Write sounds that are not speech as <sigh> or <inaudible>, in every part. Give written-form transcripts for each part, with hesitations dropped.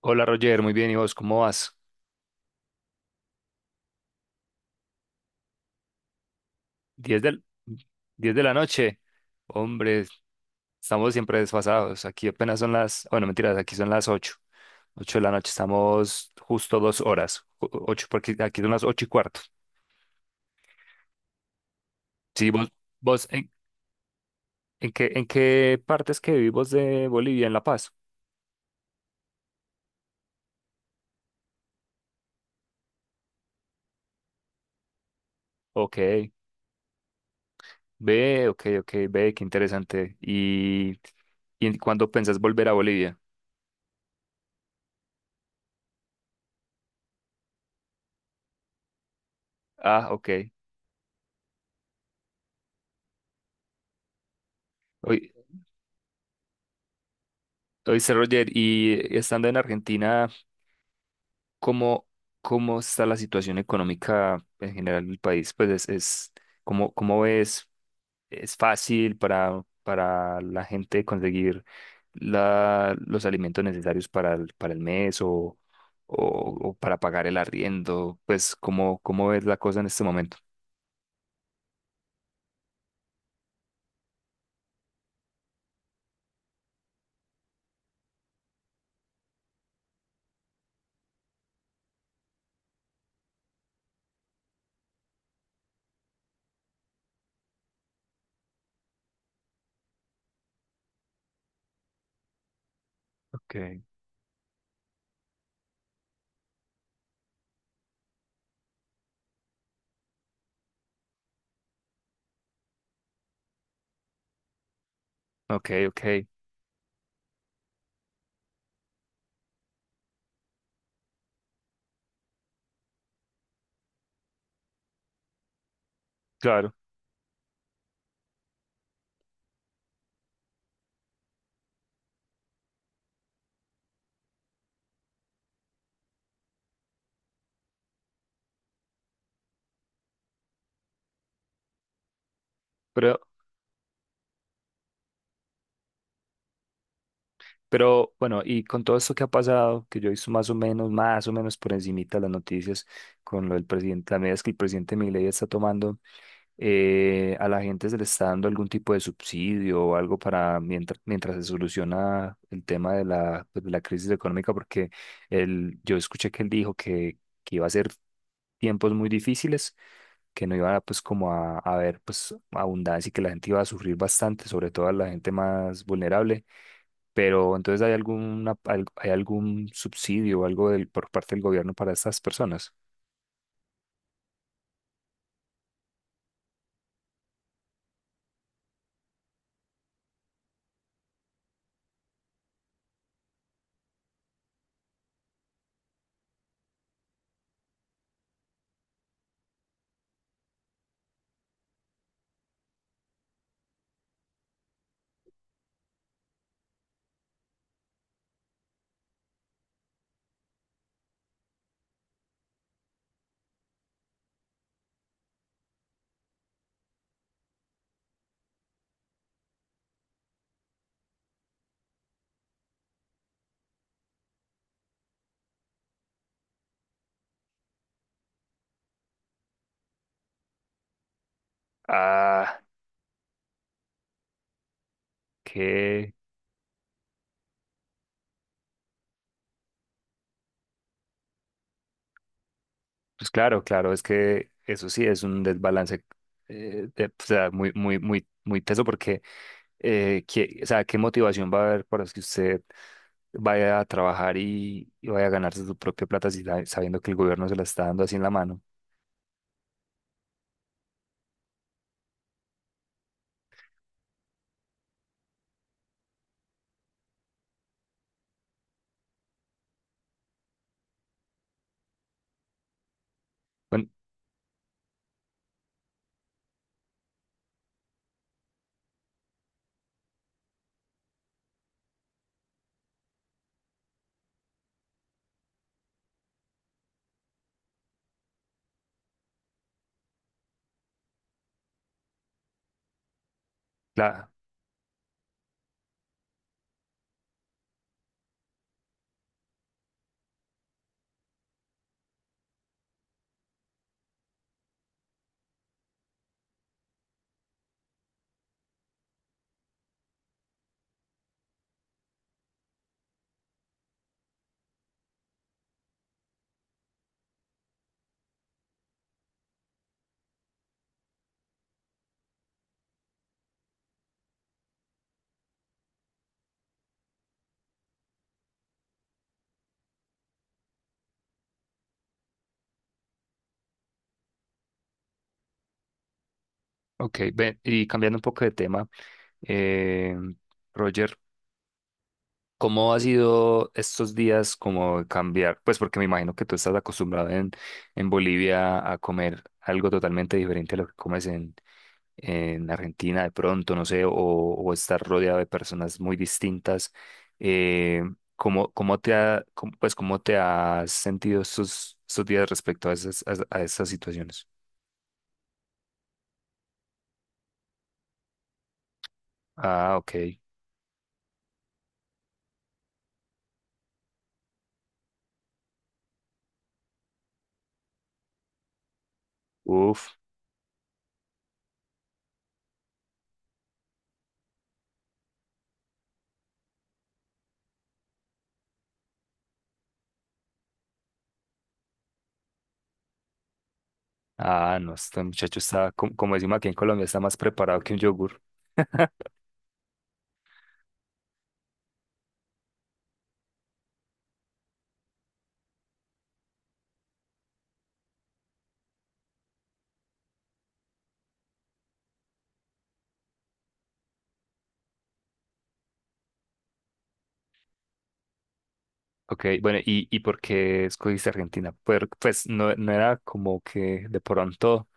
Hola Roger, muy bien. ¿Y vos cómo vas? 10 del, 10 de la noche. Hombre, estamos siempre desfasados. Aquí apenas son las, bueno, mentiras, aquí son las ocho de la noche, estamos justo 2 horas. Ocho porque aquí son las 8:15. Sí, vos ¿En qué partes que vivimos de Bolivia? ¿En La Paz? Ok, ve, ok, ok, ve, qué interesante. ¿Cuándo pensás volver a Bolivia? Ah, ok. Hoy, hoy Roger, y estando en Argentina. cómo, cómo está la situación económica en general del país? Pues es, cómo ves, ¿es fácil para la gente conseguir los alimentos necesarios para el mes o para pagar el arriendo? Pues cómo ves la cosa en este momento? Okay, okay, okay, claro, pero, pero bueno, y con todo esto que ha pasado, que yo he visto más o menos por encimita las noticias con lo del presidente, las medidas que el presidente Milei está tomando. A la gente se le está dando algún tipo de subsidio o algo para mientras, mientras se soluciona el tema de la, pues, de la crisis económica, porque yo escuché que él dijo que iba a ser tiempos muy difíciles, que no iba pues como a haber pues abundancia y que la gente iba a sufrir bastante, sobre todo a la gente más vulnerable. Pero entonces hay algún subsidio o algo por parte del gobierno para estas personas? Ah, qué Pues claro, claro, es que eso sí es un desbalance, o sea, muy, muy, muy, muy teso porque, o sea, ¿qué motivación va a haber para que usted vaya a trabajar y vaya a ganarse su propia plata si sabe- sabiendo que el gobierno se la está dando así en la mano? Bueno, la, ok, y cambiando un poco de tema, eh, Roger, ¿cómo ha sido estos días, como cambiar? Pues porque me imagino que tú estás acostumbrado en Bolivia a comer algo totalmente diferente a lo que comes en Argentina, de pronto, no sé, o estar rodeado de personas muy distintas. Eh, ¿Cómo, cómo te ha, cómo- Pues, cómo te has sentido estos días respecto a esas situaciones? Ah, ok. Uf. Ah, no, este muchacho está, como decimos aquí en Colombia, está más preparado que un yogur. Ok, bueno, ¿Y por qué escogiste Argentina? Pues, no era como que de pronto,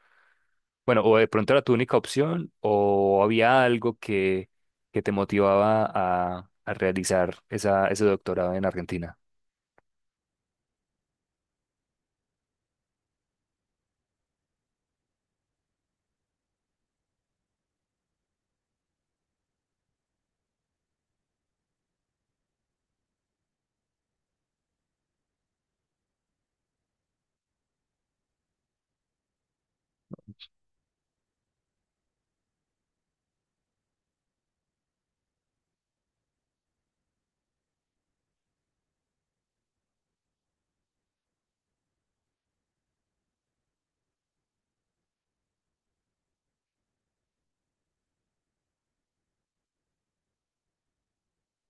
bueno, o de pronto era tu única opción, o había algo que te motivaba a realizar ese doctorado en Argentina.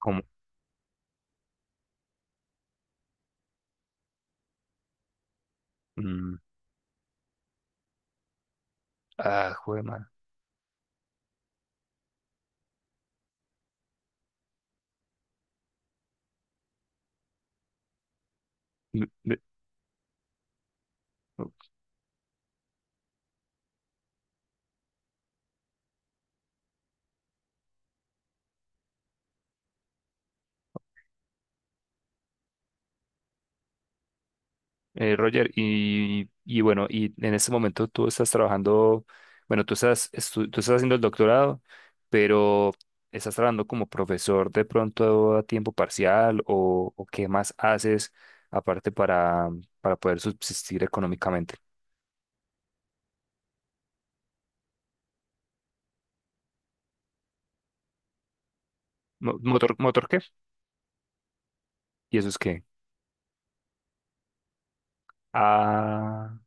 Como, mm, Joder, man. Roger, y bueno, y en este momento tú estás trabajando, bueno, tú estás haciendo el doctorado, pero estás trabajando como profesor de pronto a tiempo parcial o qué más haces aparte para poder subsistir económicamente. ¿Motor qué? ¿Y eso es qué? Ah,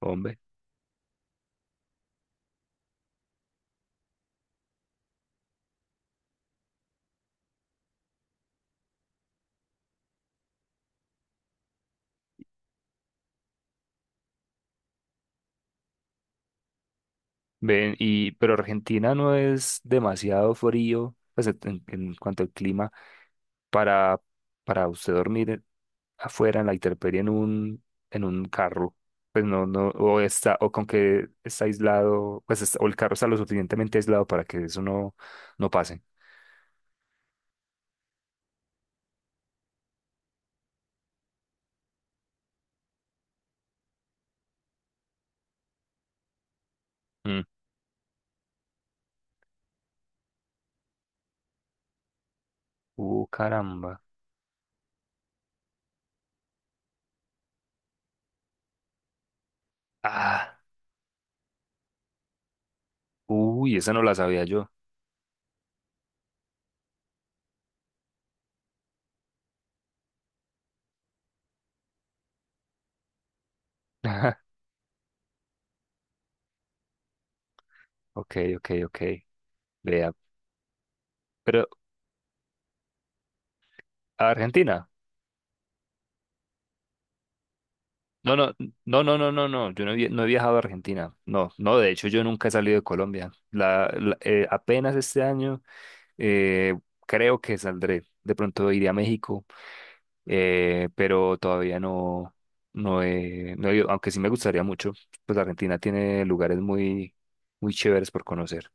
hombre. Ven, pero Argentina no es demasiado frío, pues en cuanto al clima, para, para usted dormir afuera en la intemperie en un, carro, pues no, no, o está, o con que está aislado, pues o el carro está lo suficientemente aislado para que eso no pase. Mm. Caramba. Ah, uy, esa no la sabía yo. <laughs> Ok, ok, ok. Vea, pero, ¿a Argentina? No, no, no, no, no, no, no. Yo no he viajado a Argentina. No, no, de hecho yo nunca he salido de Colombia. Apenas este año, eh, creo que saldré. De pronto iré a México, pero todavía no he ido, aunque sí me gustaría mucho, pues Argentina tiene lugares muy, muy chéveres por conocer.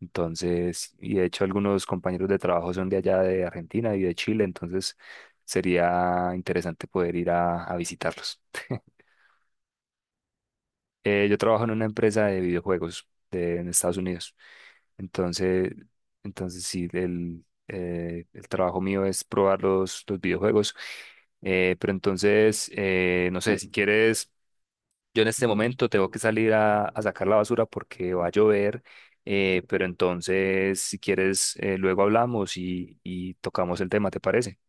Entonces, y de hecho algunos compañeros de trabajo son de allá de Argentina y de Chile, entonces sería interesante poder ir a visitarlos. Yo trabajo en una empresa de videojuegos en Estados Unidos. Entonces, entonces sí, el trabajo mío es probar los videojuegos. Pero entonces, no sé, si quieres, yo en este momento tengo que salir a sacar la basura porque va a llover. Pero entonces, si quieres, luego hablamos y tocamos el tema, ¿te parece?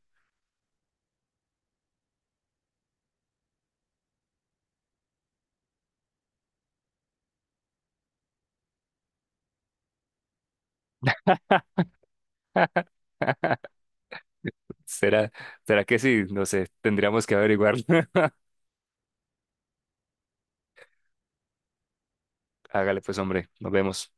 <laughs> ¿Será, será que sí? No sé, tendríamos que averiguar. <laughs> Hágale pues, hombre, nos vemos.